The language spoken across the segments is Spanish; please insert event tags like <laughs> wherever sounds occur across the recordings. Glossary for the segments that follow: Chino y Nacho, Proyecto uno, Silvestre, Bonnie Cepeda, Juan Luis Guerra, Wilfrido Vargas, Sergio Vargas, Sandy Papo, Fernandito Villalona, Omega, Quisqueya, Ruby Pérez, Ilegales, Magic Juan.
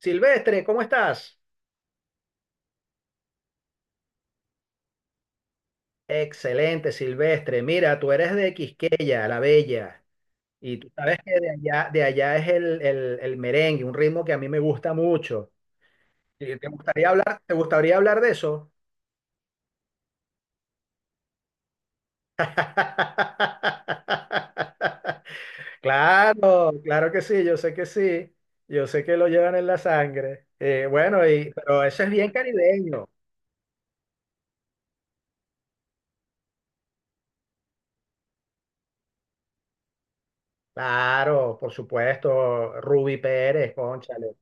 Silvestre, ¿cómo estás? Excelente, Silvestre. Mira, tú eres de Quisqueya, la Bella, y tú sabes que de allá es el merengue, un ritmo que a mí me gusta mucho. ¿Te gustaría hablar de eso? <laughs> Claro, claro que sí, yo sé que sí, yo sé que lo llevan en la sangre. Bueno, pero eso es bien caribeño. Claro, por supuesto, Ruby Pérez, cónchale.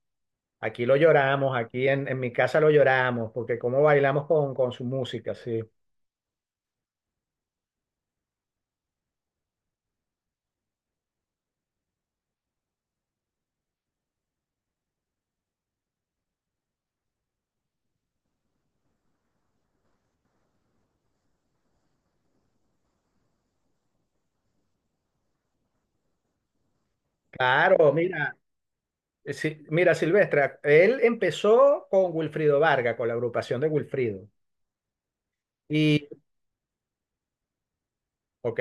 Aquí lo lloramos, aquí en mi casa lo lloramos, porque cómo bailamos con su música, sí. Claro, mira, sí, mira, Silvestre, él empezó con Wilfrido Vargas, con la agrupación de Wilfrido. Y, ok,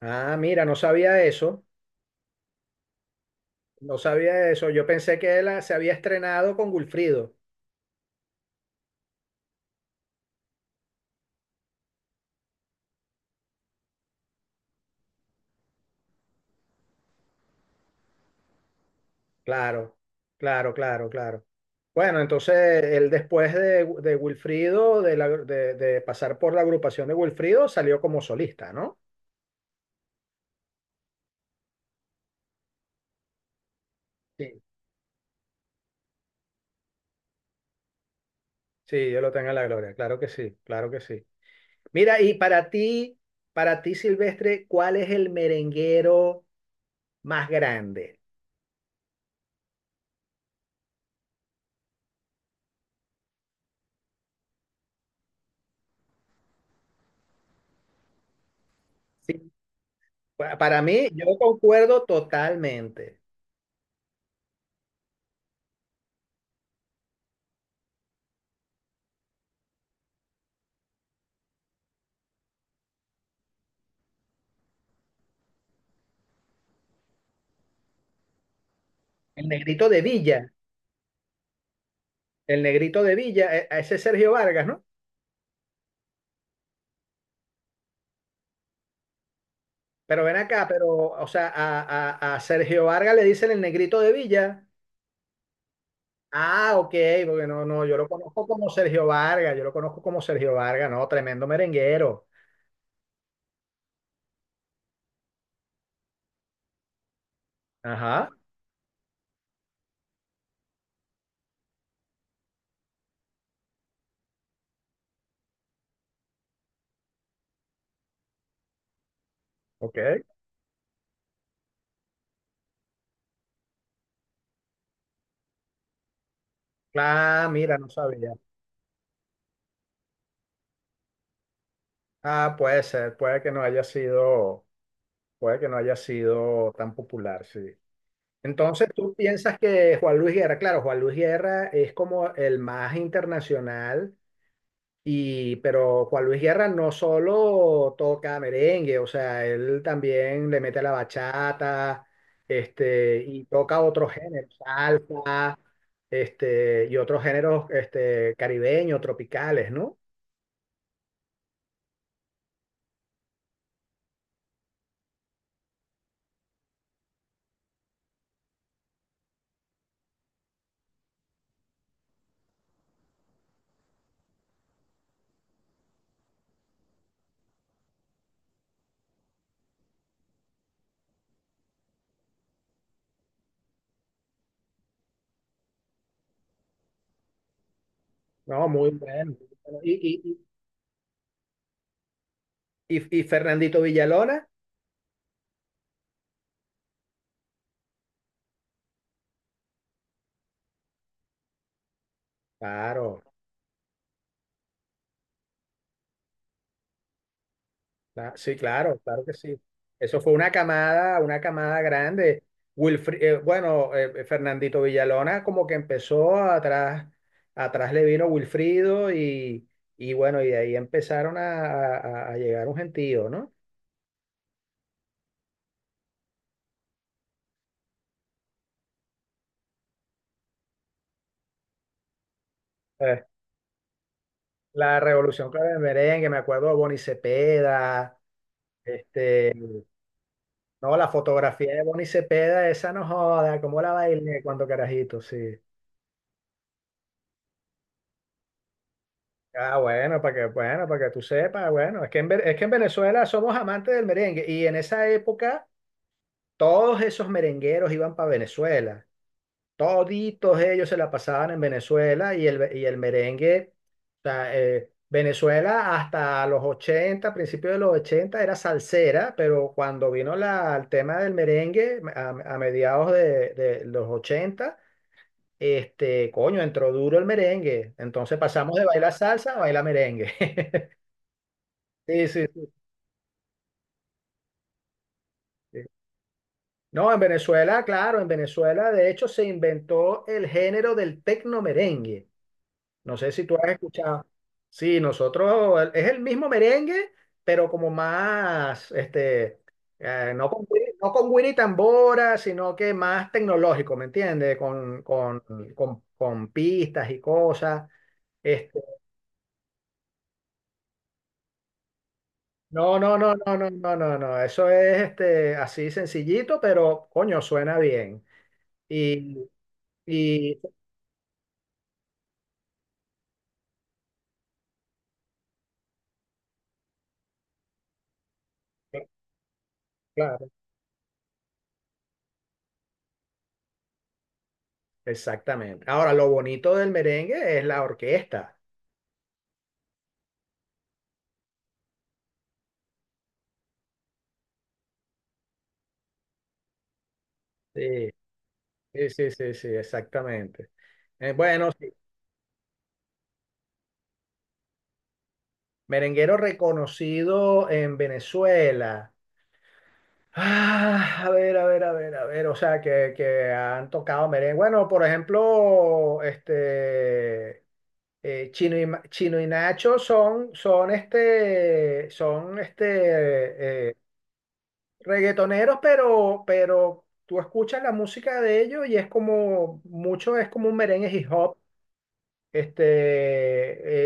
mira, no sabía eso, no sabía eso. Yo pensé que él se había estrenado con Wilfrido. Claro, claro, claro, claro. Bueno, entonces él después de Wilfrido, de pasar por la agrupación de Wilfrido, salió como solista, ¿no? Sí. Sí, Dios lo tenga en la gloria, claro que sí, claro que sí. Mira, y para ti, Silvestre, ¿cuál es el merenguero más grande? Sí, para mí, yo concuerdo totalmente. El negrito de Villa, el negrito de Villa, a ese es Sergio Vargas, ¿no? Pero ven acá, o sea, a Sergio Vargas le dicen el negrito de Villa. Ah, ok, porque no, no, yo lo conozco como Sergio Vargas, yo lo conozco como Sergio Vargas, no, tremendo merenguero. Ajá, ok. Ah, mira, no sabía. Ah, puede ser, puede que no haya sido, puede que no haya sido tan popular, sí. Entonces, ¿tú piensas que Juan Luis Guerra, claro, Juan Luis Guerra es como el más internacional, pero Juan Luis Guerra no solo toca merengue, o sea, él también le mete la bachata, y toca otros géneros, y otros géneros, caribeños, tropicales, ¿no? No, muy bueno. Y, y- y Fernandito Villalona, claro, sí, claro, claro que sí. Eso fue una camada grande. Bueno, Fernandito Villalona como que empezó atrás, atrás le vino Wilfrido y bueno, y de ahí empezaron a llegar un gentío, ¿no? Eh, la Revolución Clara del Merengue, me acuerdo de Bonnie Cepeda, este, no, la fotografía de Bonnie Cepeda, esa no joda, cómo la bailé cuando carajito, sí. Ah, bueno, bueno, para que tú sepas, bueno, es que en Venezuela somos amantes del merengue y en esa época todos esos merengueros iban para Venezuela, toditos ellos se la pasaban en Venezuela y el merengue, o sea, Venezuela hasta los 80, principios de los 80 era salsera, pero cuando vino el tema del merengue a mediados de los 80, coño, entró duro el merengue, entonces pasamos de bailar salsa a bailar merengue. <laughs> Sí, sí, sí, sí. No, en Venezuela, claro, en Venezuela de hecho se inventó el género del tecno merengue. No sé si tú has escuchado. Sí, nosotros es el mismo merengue, pero como más, no con güiri tambora, sino que más tecnológico, ¿me entiendes? Con pistas y cosas. Este, no, no, no, no, no, no, no, no. Eso es así sencillito, pero coño, suena bien. Y. Y Claro, exactamente. Ahora, lo bonito del merengue es la orquesta. Sí, sí, sí, sí, sí, exactamente. Bueno, sí, merenguero reconocido en Venezuela. Ah, a ver, a ver, a ver, a ver, o sea, que han tocado merengue. Bueno, por ejemplo, Chino y Nacho son reggaetoneros, pero tú escuchas la música de ellos y es como, mucho es como un merengue hip hop. Este,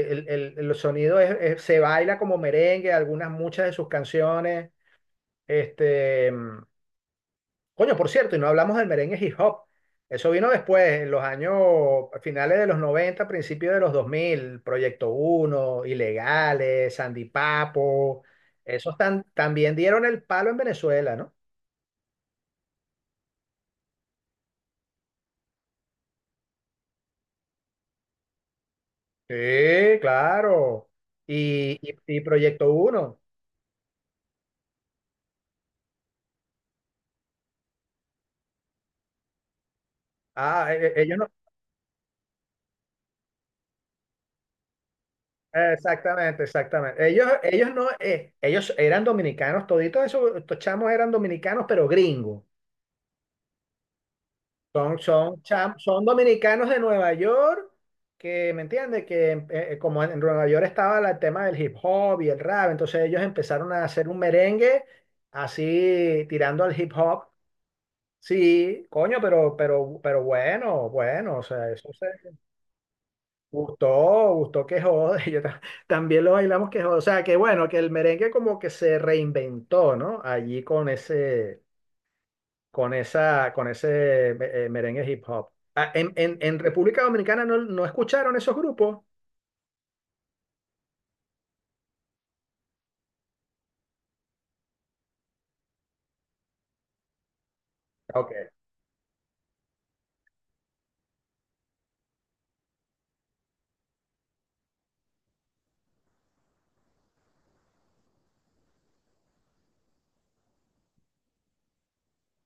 eh, El sonido se baila como merengue, muchas de sus canciones. Este, mm, Coño, por cierto, y no hablamos del merengue hip hop. Eso vino después, en los años a finales de los 90, principios de los 2000, Proyecto uno, Ilegales, Sandy Papo, también dieron el palo en Venezuela, ¿no? Sí, claro. Y Proyecto uno. Ah, ellos no. Exactamente, exactamente. Ellos no, ellos eran dominicanos, estos chamos eran dominicanos, pero gringos. Son dominicanos de Nueva York, que, ¿me entiendes? Que como en Nueva York estaba el tema del hip hop y el rap, entonces ellos empezaron a hacer un merengue así tirando al hip hop. Sí, coño, pero bueno, o sea, eso se... Gustó, gustó que jode. <laughs> Yo también lo bailamos que jode. O sea, que bueno, que el merengue como que se reinventó, ¿no? Allí con ese merengue hip hop. Ah, en República Dominicana no escucharon esos grupos. Ok,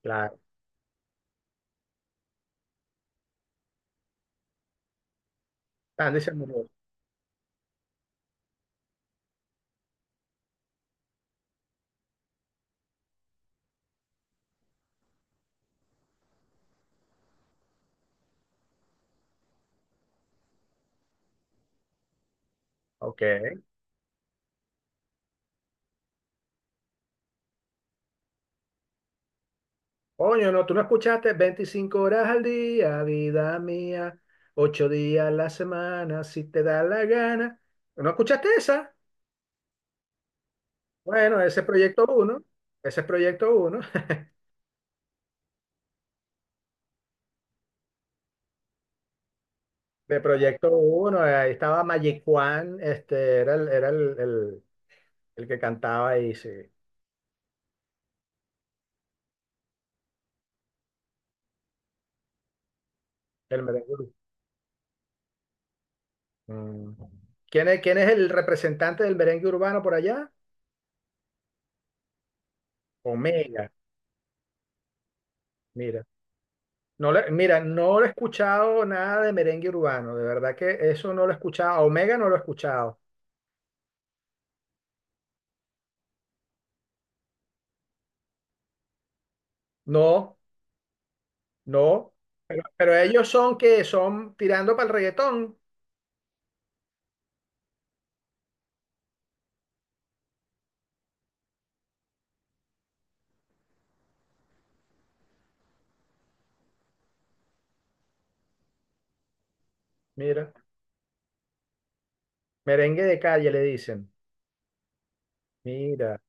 claro. Están diciendo no. Ok. Coño, no, tú no escuchaste 25 horas al día, vida mía, 8 días a la semana, si te da la gana. ¿No escuchaste esa? Bueno, ese es Proyecto uno. Ese es Proyecto uno. De Proyecto uno ahí estaba Magic Juan, era el que cantaba ahí, sí, el merengue urbano. Mm. ¿Quién es el representante del merengue urbano por allá? Omega, mira. Mira, no lo he escuchado nada de merengue urbano, de verdad que eso no lo he escuchado, a Omega no lo he escuchado. No, no, pero ellos son que son tirando para el reggaetón, mira, merengue de calle le dicen, mira.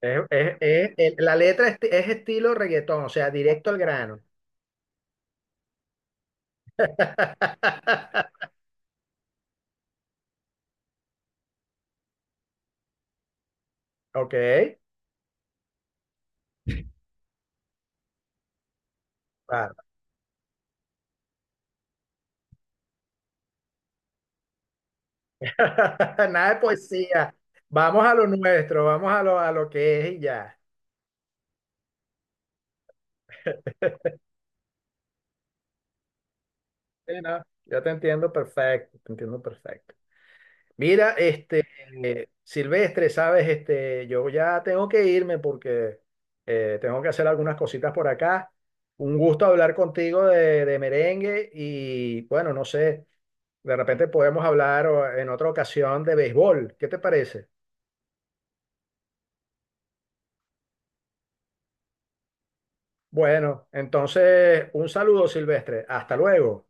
La letra es estilo reggaetón, o sea, directo al grano. <laughs> Ok, claro. <laughs> Nada de poesía. Vamos a lo nuestro, a lo que es y ya. Sí, no, yo te entiendo perfecto, te entiendo perfecto. Mira, Silvestre, sabes, yo ya tengo que irme porque tengo que hacer algunas cositas por acá. Un gusto hablar contigo de merengue y bueno, no sé, de repente podemos hablar en otra ocasión de béisbol. ¿Qué te parece? Bueno, entonces, un saludo, Silvestre. Hasta luego.